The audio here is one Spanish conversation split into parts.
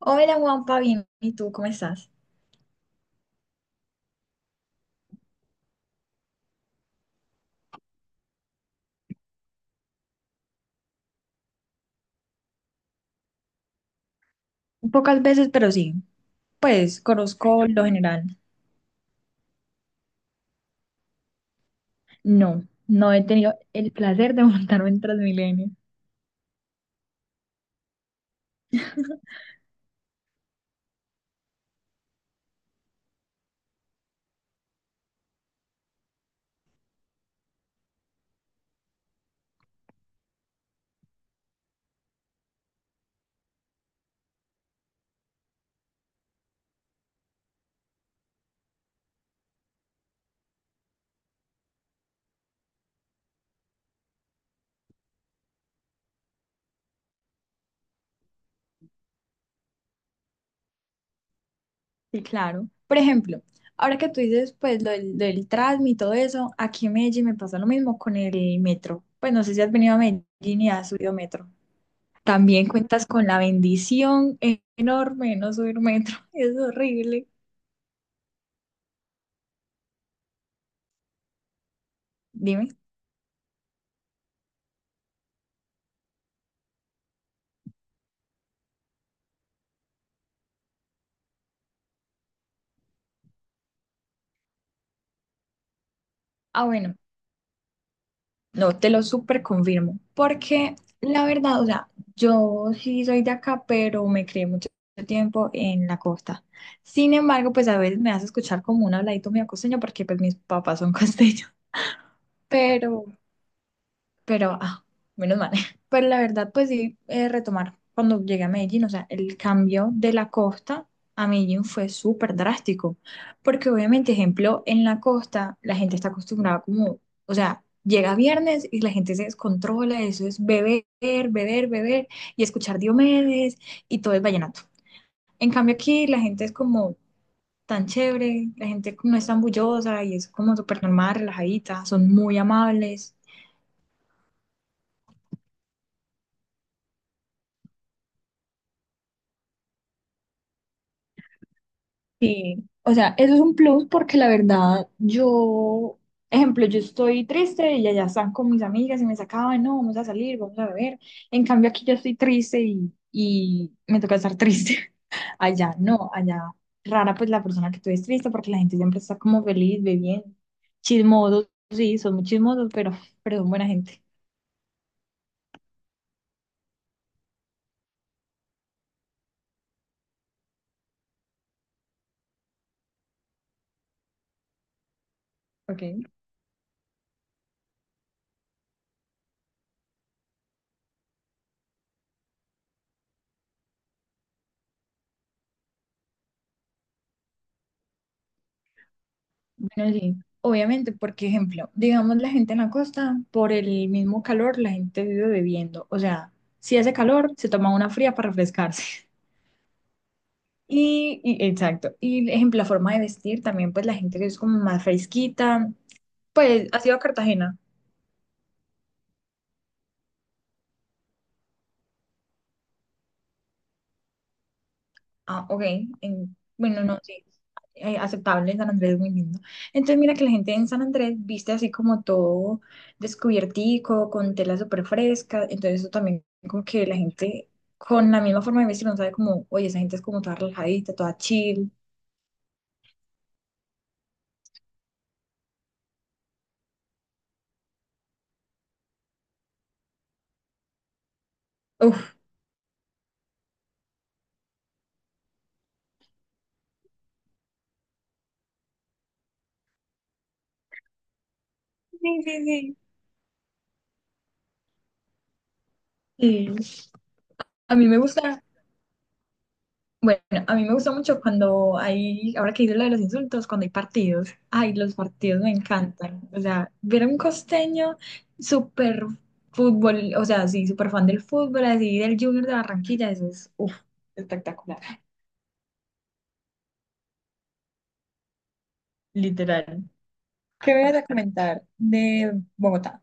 Hola Juanpa, bien, ¿y tú cómo estás? Pocas veces, pero sí. Pues conozco lo general. No, no he tenido el placer de montarme en Transmilenio. Sí, claro. Por ejemplo, ahora que tú dices, pues lo del Transmi y todo eso, aquí en Medellín me pasa lo mismo con el metro. Pues no sé si has venido a Medellín y has subido metro. También cuentas con la bendición enorme de no subir metro. Es horrible. Dime. Ah, bueno. No, te lo súper confirmo, porque la verdad, o sea, yo sí soy de acá, pero me crié mucho tiempo en la costa. Sin embargo, pues a veces me hace escuchar como un habladito medio costeño, porque pues mis papás son costeños, pero, pero, ah, menos mal. Pero la verdad, pues sí, retomar, cuando llegué a Medellín, o sea, el cambio de la costa a Medellín fue súper drástico. Porque obviamente, ejemplo, en la costa la gente está acostumbrada como, o sea, llega viernes y la gente se descontrola, eso es beber, beber, beber y escuchar Diomedes y todo es vallenato. En cambio aquí la gente es como tan chévere, la gente no es tan bullosa y es como súper normal, relajadita, son muy amables. Sí, o sea, eso es un plus porque la verdad, yo, ejemplo, yo estoy triste y allá están con mis amigas y me sacaban, no, vamos a salir, vamos a beber. En cambio, aquí yo estoy triste y me toca estar triste. Allá no, allá rara pues la persona que tú es triste porque la gente siempre está como feliz, bebiendo, chismosos, sí, son muy chismosos, pero son buena gente. Ok. Bueno, sí, obviamente, porque ejemplo, digamos la gente en la costa, por el mismo calor, la gente vive bebiendo. O sea, si hace calor, se toma una fría para refrescarse. Exacto. Y ejemplo, la forma de vestir también, pues la gente que es como más fresquita, pues ha sido a Cartagena. Ah, ok. En- bueno, no, sí. Aceptable, San Andrés es muy lindo. Entonces, mira que la gente en San Andrés viste así como todo descubiertico, con tela súper fresca. Entonces, eso también, como que la gente con la misma forma de vestir, no sabe como, oye, esa gente es como toda relajadita, toda chill. Uf. Sí, sí, sí. Sí. A mí me gusta. Bueno, a mí me gusta mucho cuando hay, ahora que hice lo de los insultos, cuando hay partidos. Ay, los partidos me encantan. O sea, ver a un costeño súper fútbol, o sea, sí, súper fan del fútbol, así del Junior de Barranquilla, eso es, uf, espectacular. Literal. ¿Qué me vas a comentar de Bogotá?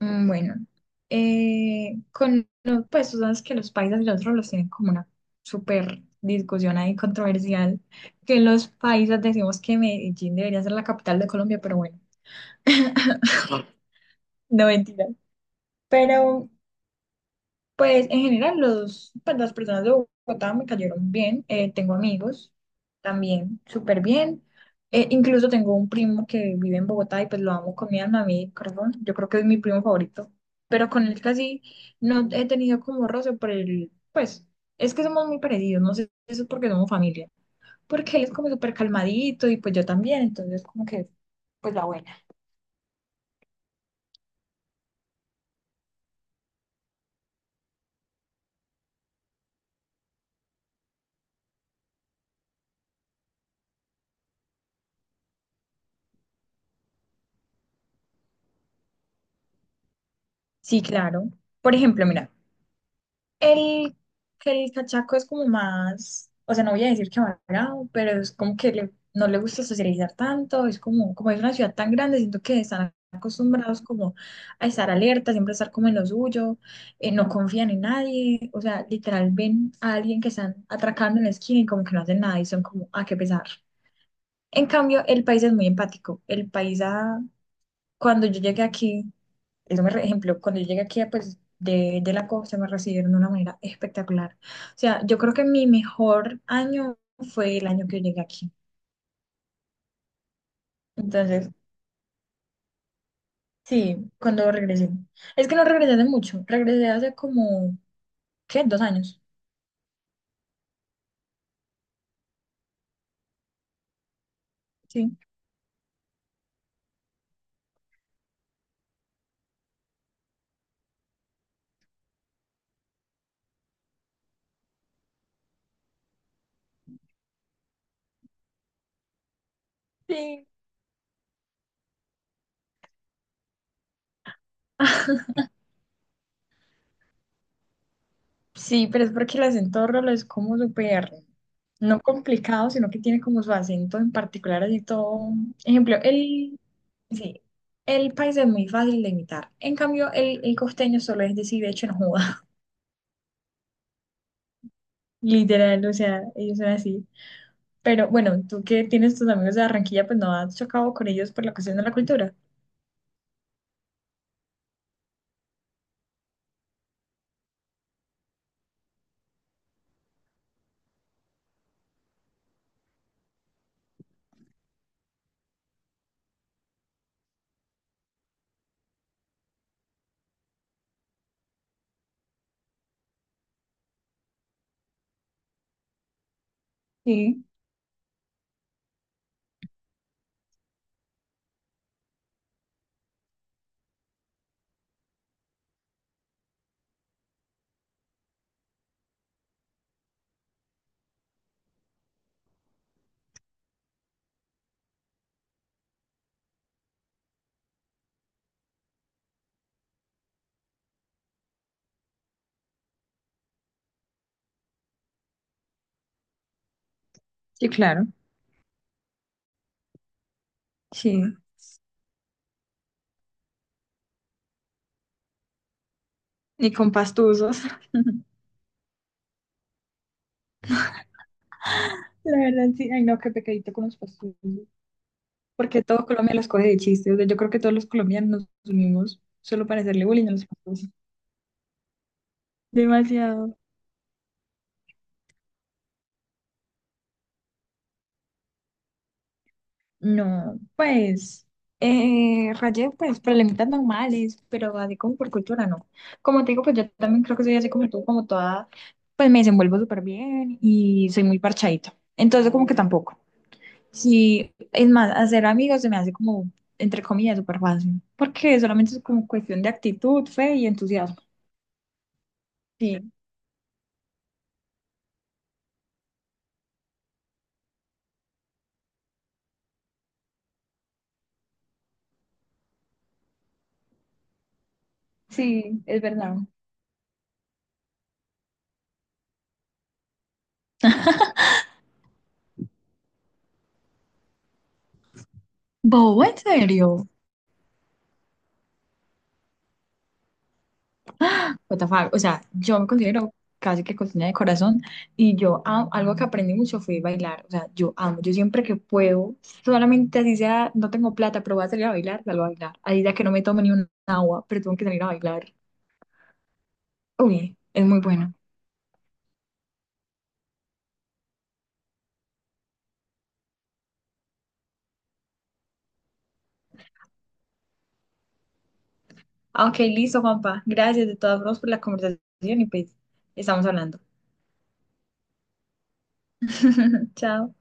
Bueno, con lo- pues tú sabes que los paisas y los rolos tienen como una súper discusión ahí controversial, que los paisas decimos que Medellín debería ser la capital de Colombia, pero bueno, no mentira. Pero pues en general los, pues, las personas de Bogotá me cayeron bien, tengo amigos también súper bien. Incluso tengo un primo que vive en Bogotá y pues lo amo con mi alma, a mi corazón, yo creo que es mi primo favorito, pero con él casi no he tenido como roce por el, pues es que somos muy parecidos, no sé si eso es porque somos familia, porque él es como súper calmadito y pues yo también, entonces como que pues la buena. Sí, claro. Por ejemplo, mira. El, que el cachaco es como más, o sea, no voy a decir que amargado, pero es como que le- no le gusta socializar tanto, es como, como es una ciudad tan grande, siento que están acostumbrados como a estar alerta, siempre estar como en lo suyo, no confían en nadie, o sea, literal ven a alguien que están atracando en la esquina y como que no hacen nada y son como, a qué pesar. En cambio, el país es muy empático, el país cuando yo llegué aquí, eso me, re- ejemplo, cuando yo llegué aquí, pues, de la costa, me recibieron de una manera espectacular. O sea, yo creo que mi mejor año fue el año que llegué aquí. Entonces, sí, cuando regresé. Es que no regresé de mucho, regresé hace como, ¿qué? Dos años, sí. Sí. Sí, pero es porque el acento rolo es como súper, no complicado, sino que tiene como su acento en particular, así todo. Ejemplo, el, sí, el país es muy fácil de imitar. En cambio, el costeño solo es decir, de hecho, en joda. Literal, o sea, ellos son así. Pero bueno, tú que tienes tus amigos de Barranquilla, pues no has chocado con ellos por la cuestión de la cultura. Sí, sí, claro. Sí, ni con pastusos. La verdad, sí. Ay, no, qué pecadito con los pastusos. Porque todo Colombia los coge de chiste. O sea, yo creo que todos los colombianos nos unimos solo para hacerle bullying a los franceses. Demasiado. No, pues, rayé, pues, problemitas normales, pero así como por cultura, no. Como te digo, pues yo también creo que soy así como tú, como toda, pues me desenvuelvo súper bien y soy muy parchadita. Entonces, como que tampoco. Sí, es más, hacer amigos se me hace como, entre comillas, súper fácil, porque solamente es como cuestión de actitud, fe y entusiasmo. Sí, sí, es verdad. Bobo, ¿en serio? What the fuck? O sea, yo me considero casi que cocina de corazón y yo am- algo que aprendí mucho fue bailar. O sea, yo amo, yo siempre que puedo, solamente así sea, no tengo plata, pero voy a salir a bailar, salgo a bailar. Ahí ya que no me tomo ni un agua, pero tengo que salir a bailar. Uy, es muy bueno. Ah, ok, listo, Juanpa. Gracias de todas formas por la conversación y pues estamos hablando. Chao.